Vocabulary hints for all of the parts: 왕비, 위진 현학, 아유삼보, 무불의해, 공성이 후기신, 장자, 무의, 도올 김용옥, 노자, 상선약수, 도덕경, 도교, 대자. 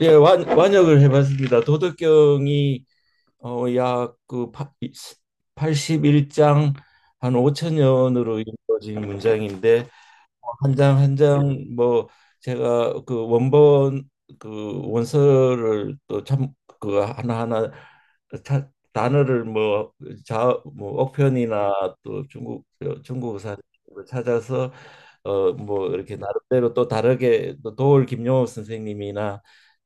예, 완역을 해봤습니다. 도덕경이 어, 약그 81장 한 5천 년으로 이루어진 문장인데 한 장 한 장 제가 그 원본 그 원서를 또 참 그 하나하나 단어를 뭐 자 뭐 억편이나 또 중국사 찾아서 이렇게 나름대로 또 다르게 또 도올 김용옥 선생님이나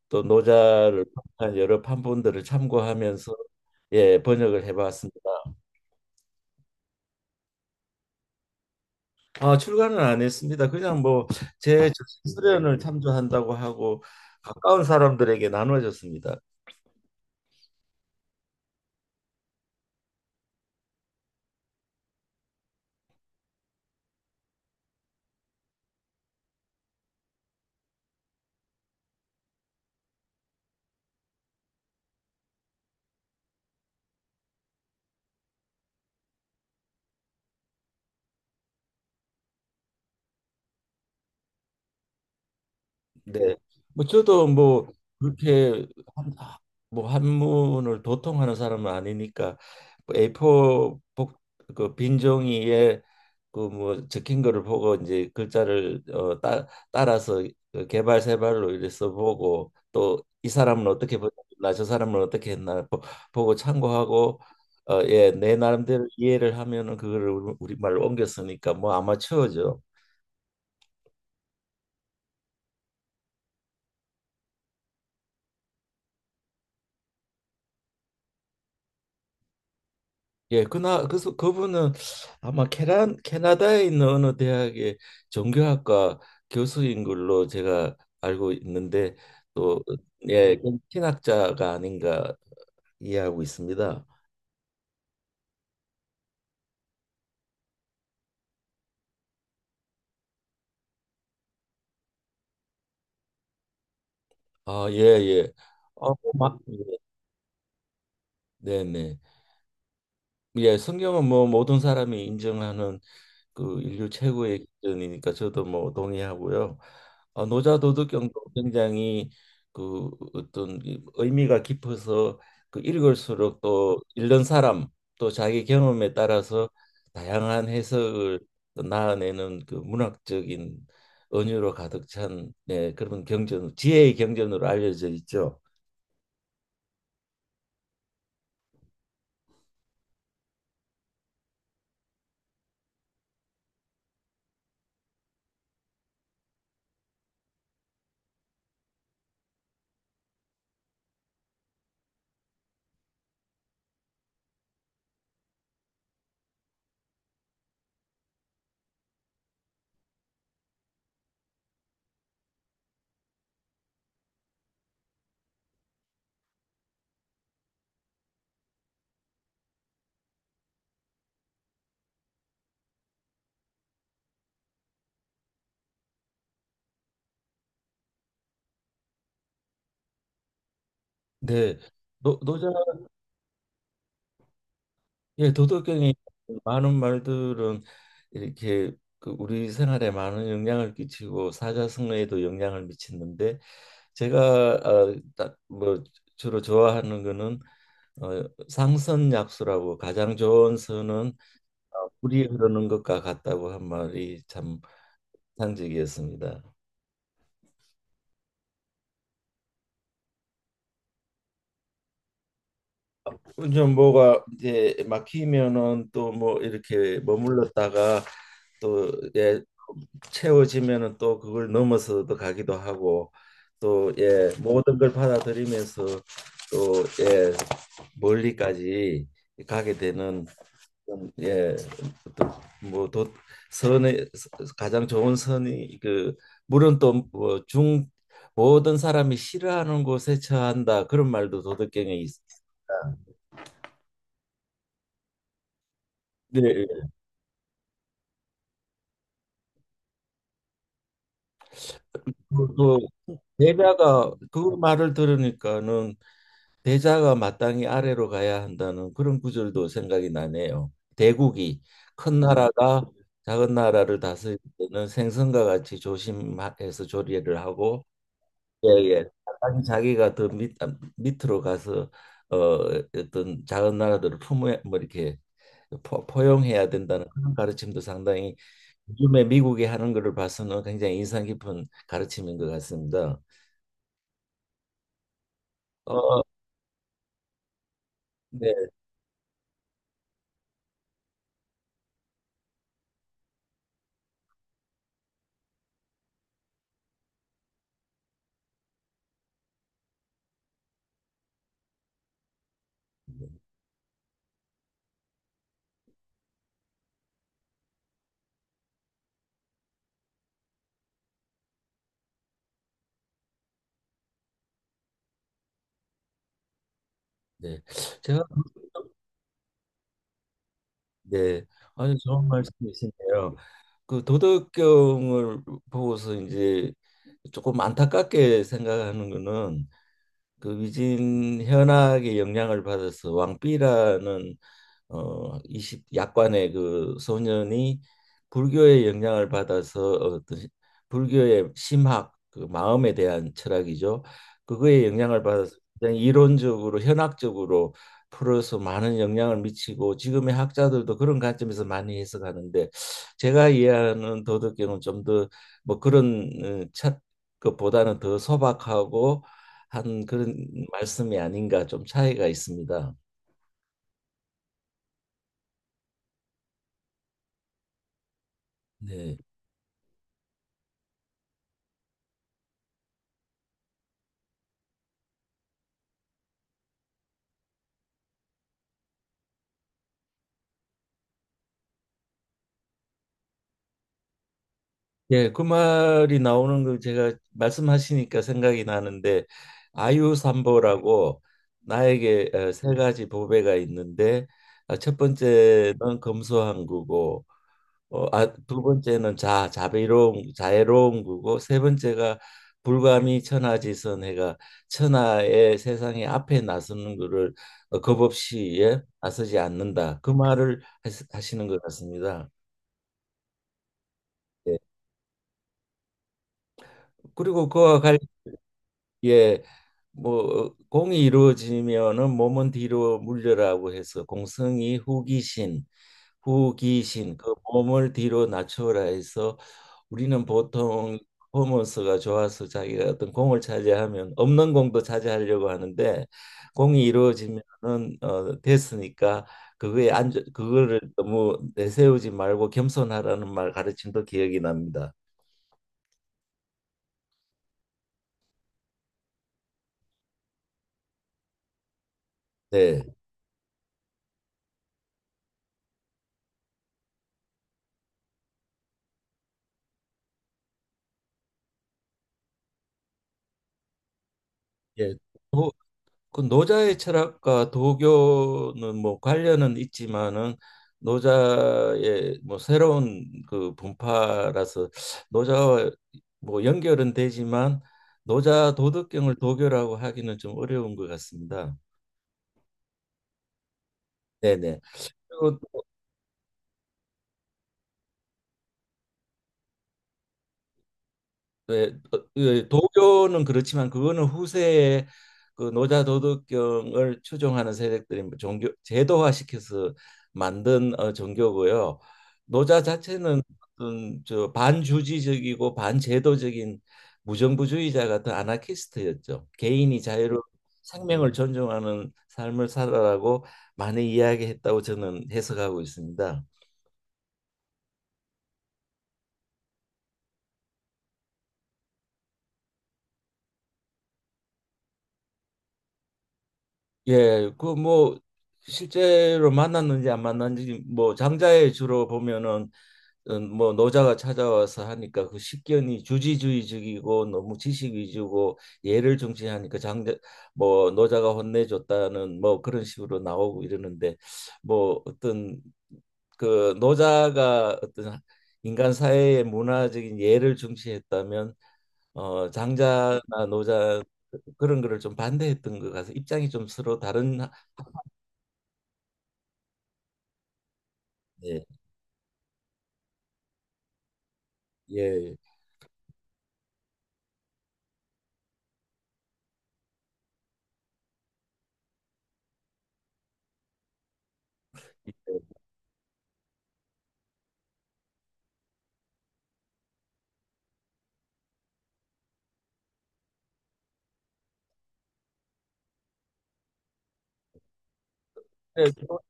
또 노자를 한 여러 판본들을 참고하면서 예, 번역을 해봤습니다. 아, 출간은 안 했습니다. 그냥 뭐 제 저술 수련을 참조한다고 하고 가까운 사람들에게 나눠줬습니다. 네. 뭐 저도 뭐 그렇게 한, 뭐 한문을 도통하는 사람은 아니니까 A4 그빈 종이에 적힌 거를 보고 이제 글자를 따라서 그 개발 세발로 이래 써보고 또 이 사람은 어떻게 했나 저 사람은 어떻게 했나 보고 참고하고 어, 예, 내 나름대로 이해를 하면은 그거를 우리말로 옮겼으니까 뭐 아마추어죠. 예, 그나 그래서 그분은 아마 캐나다에 있는 어느 대학의 종교학과 교수인 걸로 제가 알고 있는데 또 어, 예, 그 신학자가 아닌가 이해하고 있습니다. 아, 예, 예. 어, 막, 예. 네, 네. 예, 성경은 뭐 모든 사람이 인정하는 그 인류 최고의 기준이니까 저도 뭐 동의하고요. 어, 노자도덕경도 굉장히 그 어떤 이 의미가 깊어서 그 읽을수록 또 읽는 사람 또 자기 경험에 따라서 다양한 해석을 또 나아내는 그 문학적인 은유로 가득 찬 네, 그런 경전, 지혜의 경전으로 알려져 있죠. 네, 노자 예, 도덕경이 많은 말들은 이렇게 그 우리 생활에 많은 영향을 끼치고 사자성어에도 영향을 미치는데 제가 어, 딱 뭐 주로 좋아하는 거는 어, 상선약수라고 가장 좋은 선은 어, 물이 흐르는 것과 같다고 한 말이 참 상징이었습니다. 좀 뭐가 이제 막히면은 또 뭐 이렇게 머물렀다가 또 예, 채워지면은 또 그걸 넘어서도 가기도 하고 또 예, 모든 걸 받아들이면서 또 예, 멀리까지 가게 되는 그런, 예, 어떤 뭐 도, 선의 가장 좋은 선이 그 물론 또뭐중 모든 사람이 싫어하는 곳에 처한다 그런 말도 도덕경에 있. 네, 예. 그 예배가 그 말을 들으니까는 대자가 마땅히 아래로 가야 한다는 그런 구절도 생각이 나네요. 대국이 큰 나라가 작은 나라를 다스릴 때는 생선과 같이 조심해서 조리를 하고 예예 마땅히 자기가 더 밑으로 가서 어, 어떤 작은 나라들을 품에 뭐 이렇게 포용해야 된다는 그런 가르침도 상당히 요즘에 미국이 하는 것을 봐서는 굉장히 인상 깊은 가르침인 것 같습니다. 어, 네, 네. 제가 네, 아주 좋은 말씀이시네요. 그 도덕경을 보고서 이제 조금 안타깝게 생각하는 거는 그 위진 현학의 영향을 받아서 왕비라는 어, 이십 약관의 그 소년이 불교의 영향을 받아서 불교의 심학 그 마음에 대한 철학이죠. 그거에 영향을 받아서 굉장히 이론적으로 현학적으로 풀어서 많은 영향을 미치고 지금의 학자들도 그런 관점에서 많이 해석하는데 제가 이해하는 도덕경은 좀 더 뭐 그런 첫 것보다는 더 소박하고 한 그런 말씀이 아닌가 좀 차이가 있습니다. 네. 예, 그 말이 나오는 거 제가 말씀하시니까 생각이 나는데 아유삼보라고 나에게 어, 세 가지 보배가 있는데 아, 첫 번째는 검소한 구고 두 번째는 자 자비로운 자애로운 구고 세 번째가 불감이 천하지선 해가 천하의 세상의 앞에 나서는 거를 어, 겁없이 예, 나서지 않는다 그 말을 하시는 것 같습니다. 예. 그리고 그와 관련 예, 뭐 공이 이루어지면은 몸은 뒤로 물려라고 해서 공성이 후기신, 후기신 그 몸을 뒤로 낮춰라 해서 우리는 보통 퍼포먼스가 좋아서 자기가 어떤 공을 차지하면 없는 공도 차지하려고 하는데 공이 이루어지면은 어, 됐으니까 그거에 안 그거를 너무 내세우지 말고 겸손하라는 말 가르침도 기억이 납니다. 네. 예. 그 노자의 철학과 도교는 뭐 관련은 있지만은 노자의 뭐 새로운 그 분파라서 노자와 뭐 연결은 되지만 노자 도덕경을 도교라고 하기는 좀 어려운 것 같습니다. 네네. 그리고 네, 어, 예, 도교는 그렇지만 그거는 후세에 그 노자 도덕경을 추종하는 세력들이 뭐 종교 제도화시켜서 만든 어, 종교고요. 노자 자체는 어떤 저 반주지적이고 반제도적인 무정부주의자 같은 아나키스트였죠. 개인이 자유로 생명을 존중하는 삶을 살아라고 많이 이야기했다고 저는 해석하고 있습니다. 예, 그 뭐 실제로 만났는지 안 만났는지 뭐 장자에 주로 보면은 뭐 노자가 찾아와서 하니까 그 식견이 주지주의적이고 너무 지식 위주고 예를 중시하니까 장자 뭐 노자가 혼내줬다는 뭐 그런 식으로 나오고 이러는데 뭐 어떤 그 노자가 어떤 인간 사회의 문화적인 예를 중시했다면 장자나 노자 그런 거를 좀 반대했던 것 같아서 입장이 좀 서로 다른 예. 예. 예. 네,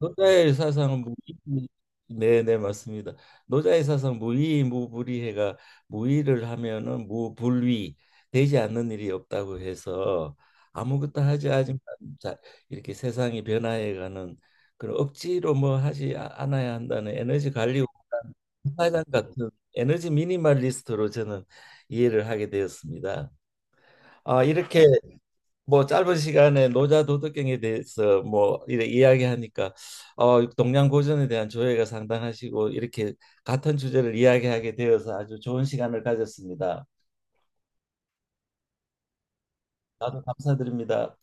노자의 사상은 무의, 네, 네, 맞습니다. 노자의 사상 무의 무불의해가 무의를 하면은 무불위 되지 않는 일이 없다고 해서 아무것도 하지만 자, 이렇게 세상이 변화해가는 그런 억지로 뭐 않아야 한다는 에너지 관리 원단, 사장 같은 에너지 미니멀리스트로 저는 이해를 하게 되었습니다. 아, 이렇게 뭐 짧은 시간에 노자 도덕경에 대해서 뭐 이래 이야기하니까 어 동양고전에 대한 조예가 상당하시고 이렇게 같은 주제를 이야기하게 되어서 아주 좋은 시간을 가졌습니다. 나도 감사드립니다.